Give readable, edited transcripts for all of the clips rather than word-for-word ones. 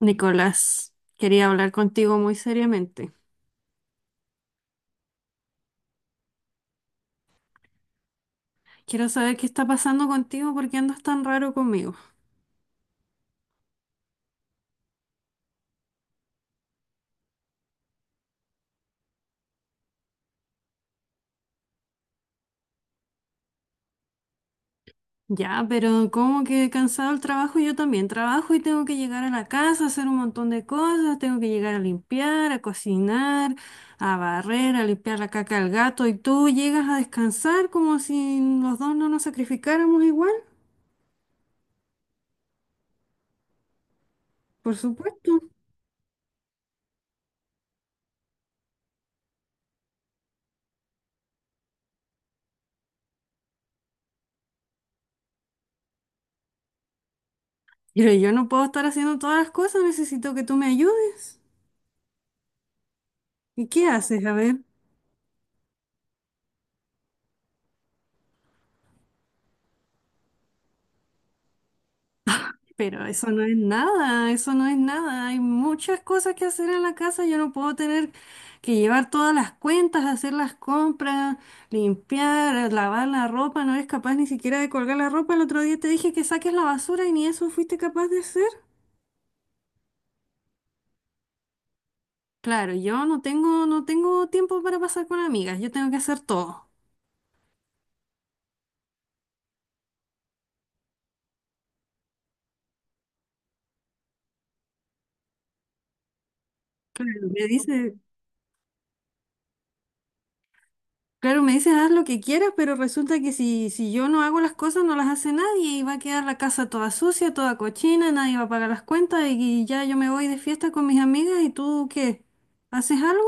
Nicolás, quería hablar contigo muy seriamente. Quiero saber qué está pasando contigo, por qué andas tan raro conmigo. Ya, pero como que cansado el trabajo, yo también trabajo y tengo que llegar a la casa, hacer un montón de cosas, tengo que llegar a limpiar, a cocinar, a barrer, a limpiar la caca al gato y tú llegas a descansar como si los dos no nos sacrificáramos igual, por supuesto. Pero yo no puedo estar haciendo todas las cosas, necesito que tú me ayudes. ¿Y qué haces? A ver. Pero eso no es nada, eso no es nada. Hay muchas cosas que hacer en la casa. Yo no puedo tener que llevar todas las cuentas, hacer las compras, limpiar, lavar la ropa. No eres capaz ni siquiera de colgar la ropa. El otro día te dije que saques la basura y ni eso fuiste capaz de hacer. Claro, yo no tengo tiempo para pasar con amigas. Yo tengo que hacer todo. Claro, me dice. Claro, me dices haz lo que quieras, pero resulta que si yo no hago las cosas, no las hace nadie y va a quedar la casa toda sucia, toda cochina, nadie va a pagar las cuentas y ya yo me voy de fiesta con mis amigas y tú, ¿qué? ¿Haces algo?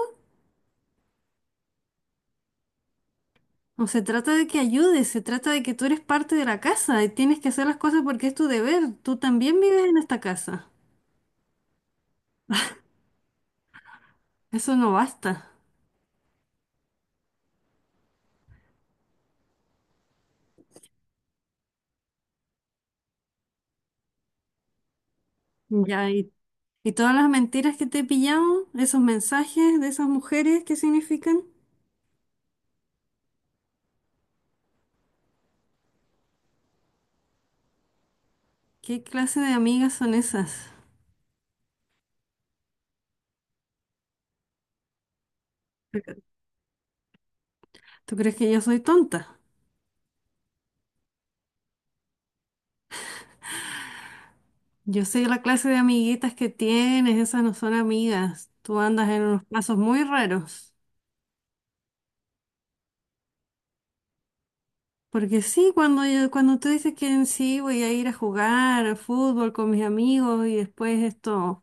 No se trata de que ayudes, se trata de que tú eres parte de la casa y tienes que hacer las cosas porque es tu deber. Tú también vives en esta casa. Eso no basta. Ya, y, y todas las mentiras que te he pillado, esos mensajes de esas mujeres, ¿qué significan? ¿Qué clase de amigas son esas? ¿Tú crees que yo soy tonta? Yo sé la clase de amiguitas que tienes, esas no son amigas. Tú andas en unos pasos muy raros. Porque sí, cuando tú dices que en sí voy a ir a jugar al fútbol con mis amigos y después esto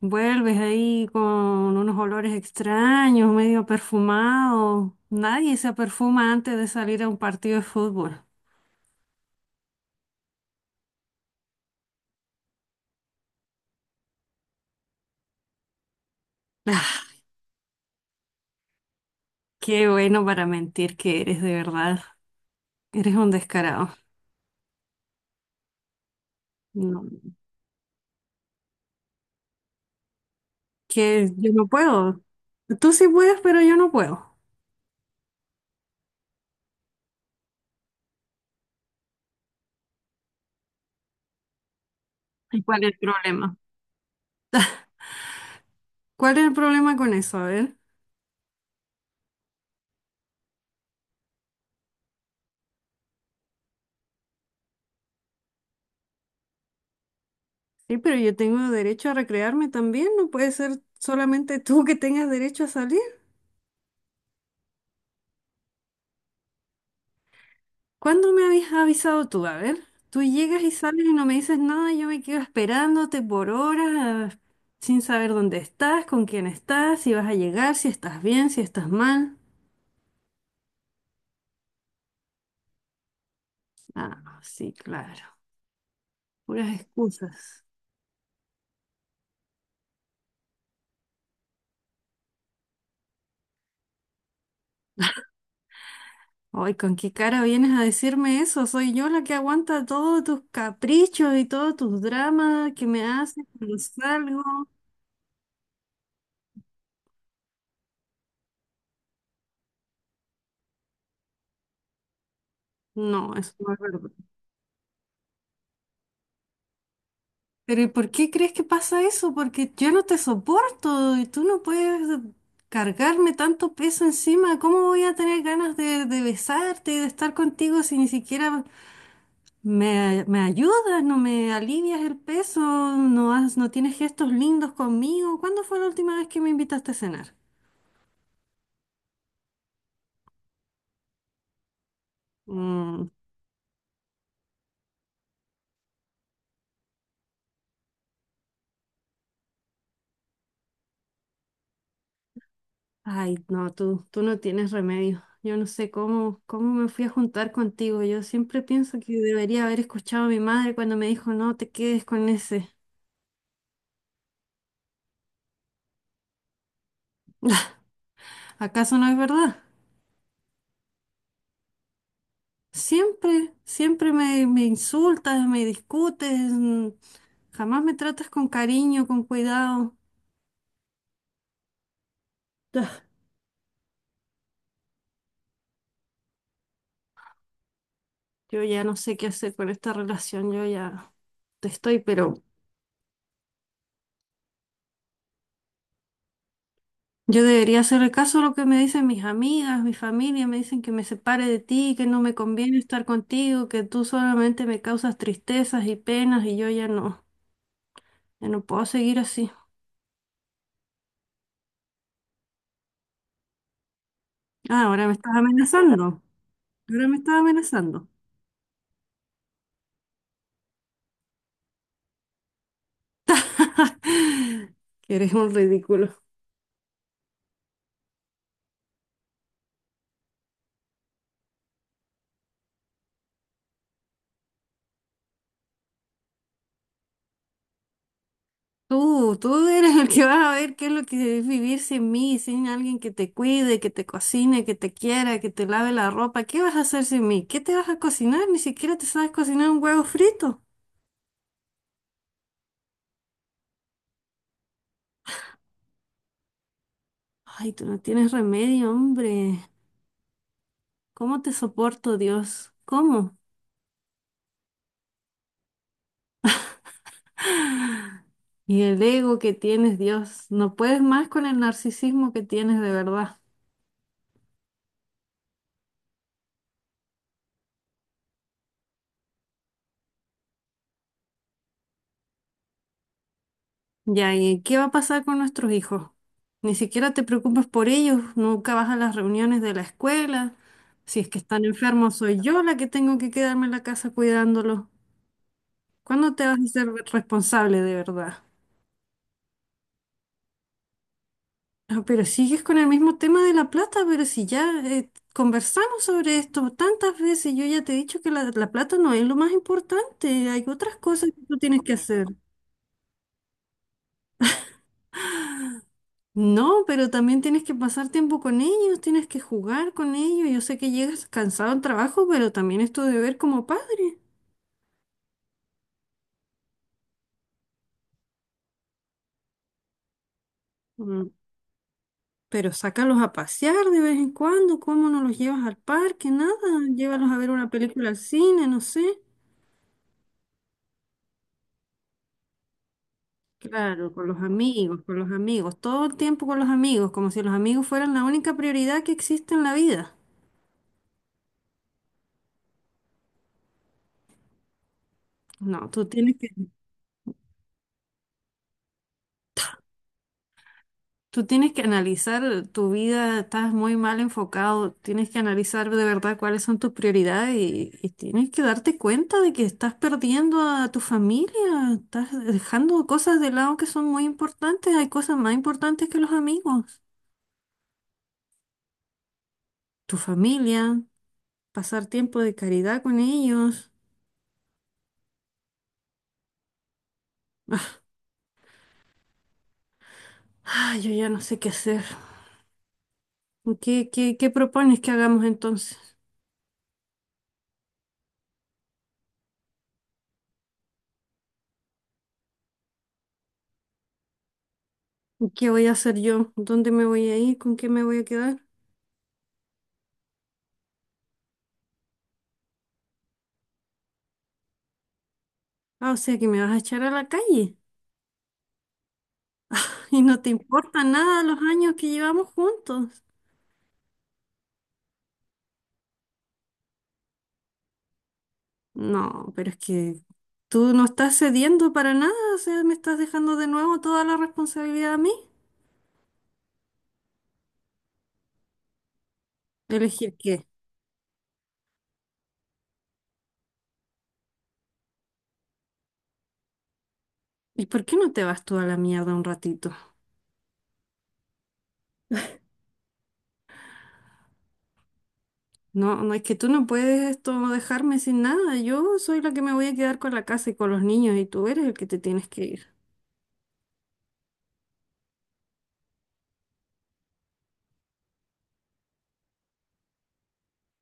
vuelves ahí con unos olores extraños, medio perfumado. Nadie se perfuma antes de salir a un partido de fútbol. Ah, Qué bueno para mentir que eres, de verdad. Eres un descarado. No, que yo no puedo. Tú sí puedes, pero yo no puedo. ¿Y cuál es el problema? ¿Cuál es el problema con eso? A ver. Sí, pero yo tengo derecho a recrearme también. No puede ser solamente tú que tengas derecho a salir. ¿Cuándo me habías avisado tú? A ver. Tú llegas y sales y no me dices nada. Yo me quedo esperándote por horas, sin saber dónde estás, con quién estás, si vas a llegar, si estás bien, si estás mal. Ah, sí, claro. Puras excusas. Ay, ¿con qué cara vienes a decirme eso? Soy yo la que aguanta todos tus caprichos y todos tus dramas que me haces cuando salgo. No, eso no es verdad. Pero ¿y por qué crees que pasa eso? Porque yo no te soporto y tú no puedes cargarme tanto peso encima. ¿Cómo voy a tener ganas de besarte y de estar contigo si ni siquiera me ayudas, no me alivias el peso, no tienes gestos lindos conmigo? ¿Cuándo fue la última vez que me invitaste a cenar? Mm, Ay, no, tú no tienes remedio. Yo no sé cómo me fui a juntar contigo. Yo siempre pienso que debería haber escuchado a mi madre cuando me dijo, no te quedes con ese. ¿Acaso no es verdad? Siempre, me insultas, me discutes, jamás me tratas con cariño, con cuidado. Ah, yo ya no sé qué hacer con esta relación, yo ya te estoy, pero yo debería hacerle caso a lo que me dicen mis amigas, mi familia, me dicen que me separe de ti, que no me conviene estar contigo, que tú solamente me causas tristezas y penas y yo ya no, ya no puedo seguir así. Ah, ahora me estás amenazando, ahora me estás amenazando. Que eres un ridículo. Tú eres el que vas a ver qué es lo que es vivir sin mí, sin alguien que te cuide, que te cocine, que te quiera, que te lave la ropa. ¿Qué vas a hacer sin mí? ¿Qué te vas a cocinar? Ni siquiera te sabes cocinar un huevo frito. Ay, tú no tienes remedio, hombre. ¿Cómo te soporto, Dios? ¿Cómo? Y el ego que tienes, Dios. No puedes más con el narcisismo que tienes de verdad. Ya, ¿y qué va a pasar con nuestros hijos? Ni siquiera te preocupas por ellos, nunca vas a las reuniones de la escuela. Si es que están enfermos, soy yo la que tengo que quedarme en la casa cuidándolos. ¿Cuándo te vas a ser responsable de verdad? Ah, pero sigues con el mismo tema de la plata, pero si ya conversamos sobre esto tantas veces, yo ya te he dicho que la plata no es lo más importante, hay otras cosas que tú tienes que hacer. No, pero también tienes que pasar tiempo con ellos, tienes que jugar con ellos. Yo sé que llegas cansado al trabajo, pero también es tu deber como padre. Mm, Pero sácalos a pasear de vez en cuando, ¿cómo no los llevas al parque? Nada, llévalos a ver una película al cine, no sé. Claro, con los amigos, todo el tiempo con los amigos, como si los amigos fueran la única prioridad que existe en la vida. No, tú tienes que analizar tu vida, estás muy mal enfocado, tienes que analizar de verdad cuáles son tus prioridades y tienes que darte cuenta de que estás perdiendo a tu familia, estás dejando cosas de lado que son muy importantes, hay cosas más importantes que los amigos, tu familia, pasar tiempo de caridad con ellos. Ay, yo ya no sé qué hacer. Qué propones que hagamos entonces? ¿Qué voy a hacer yo? ¿Dónde me voy a ir? ¿Con qué me voy a quedar? Ah, o sea que me vas a echar a la calle y no te importa nada los años que llevamos juntos. No, pero es que tú no estás cediendo para nada, o sea, me estás dejando de nuevo toda la responsabilidad a mí. ¿Elegir qué? ¿Y por qué no te vas tú a la mierda un ratito? No, no, es que tú no puedes esto dejarme sin nada. Yo soy la que me voy a quedar con la casa y con los niños y tú eres el que te tienes que ir.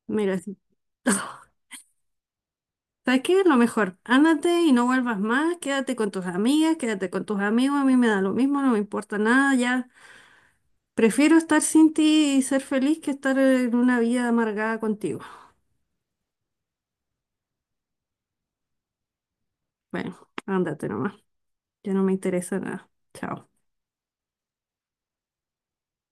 Mira, sí. ¿Sabes qué? Lo mejor, ándate y no vuelvas más, quédate con tus amigas, quédate con tus amigos, a mí me da lo mismo, no me importa nada, ya. Prefiero estar sin ti y ser feliz que estar en una vida amargada contigo. Bueno, ándate nomás, ya no me interesa nada. Chao.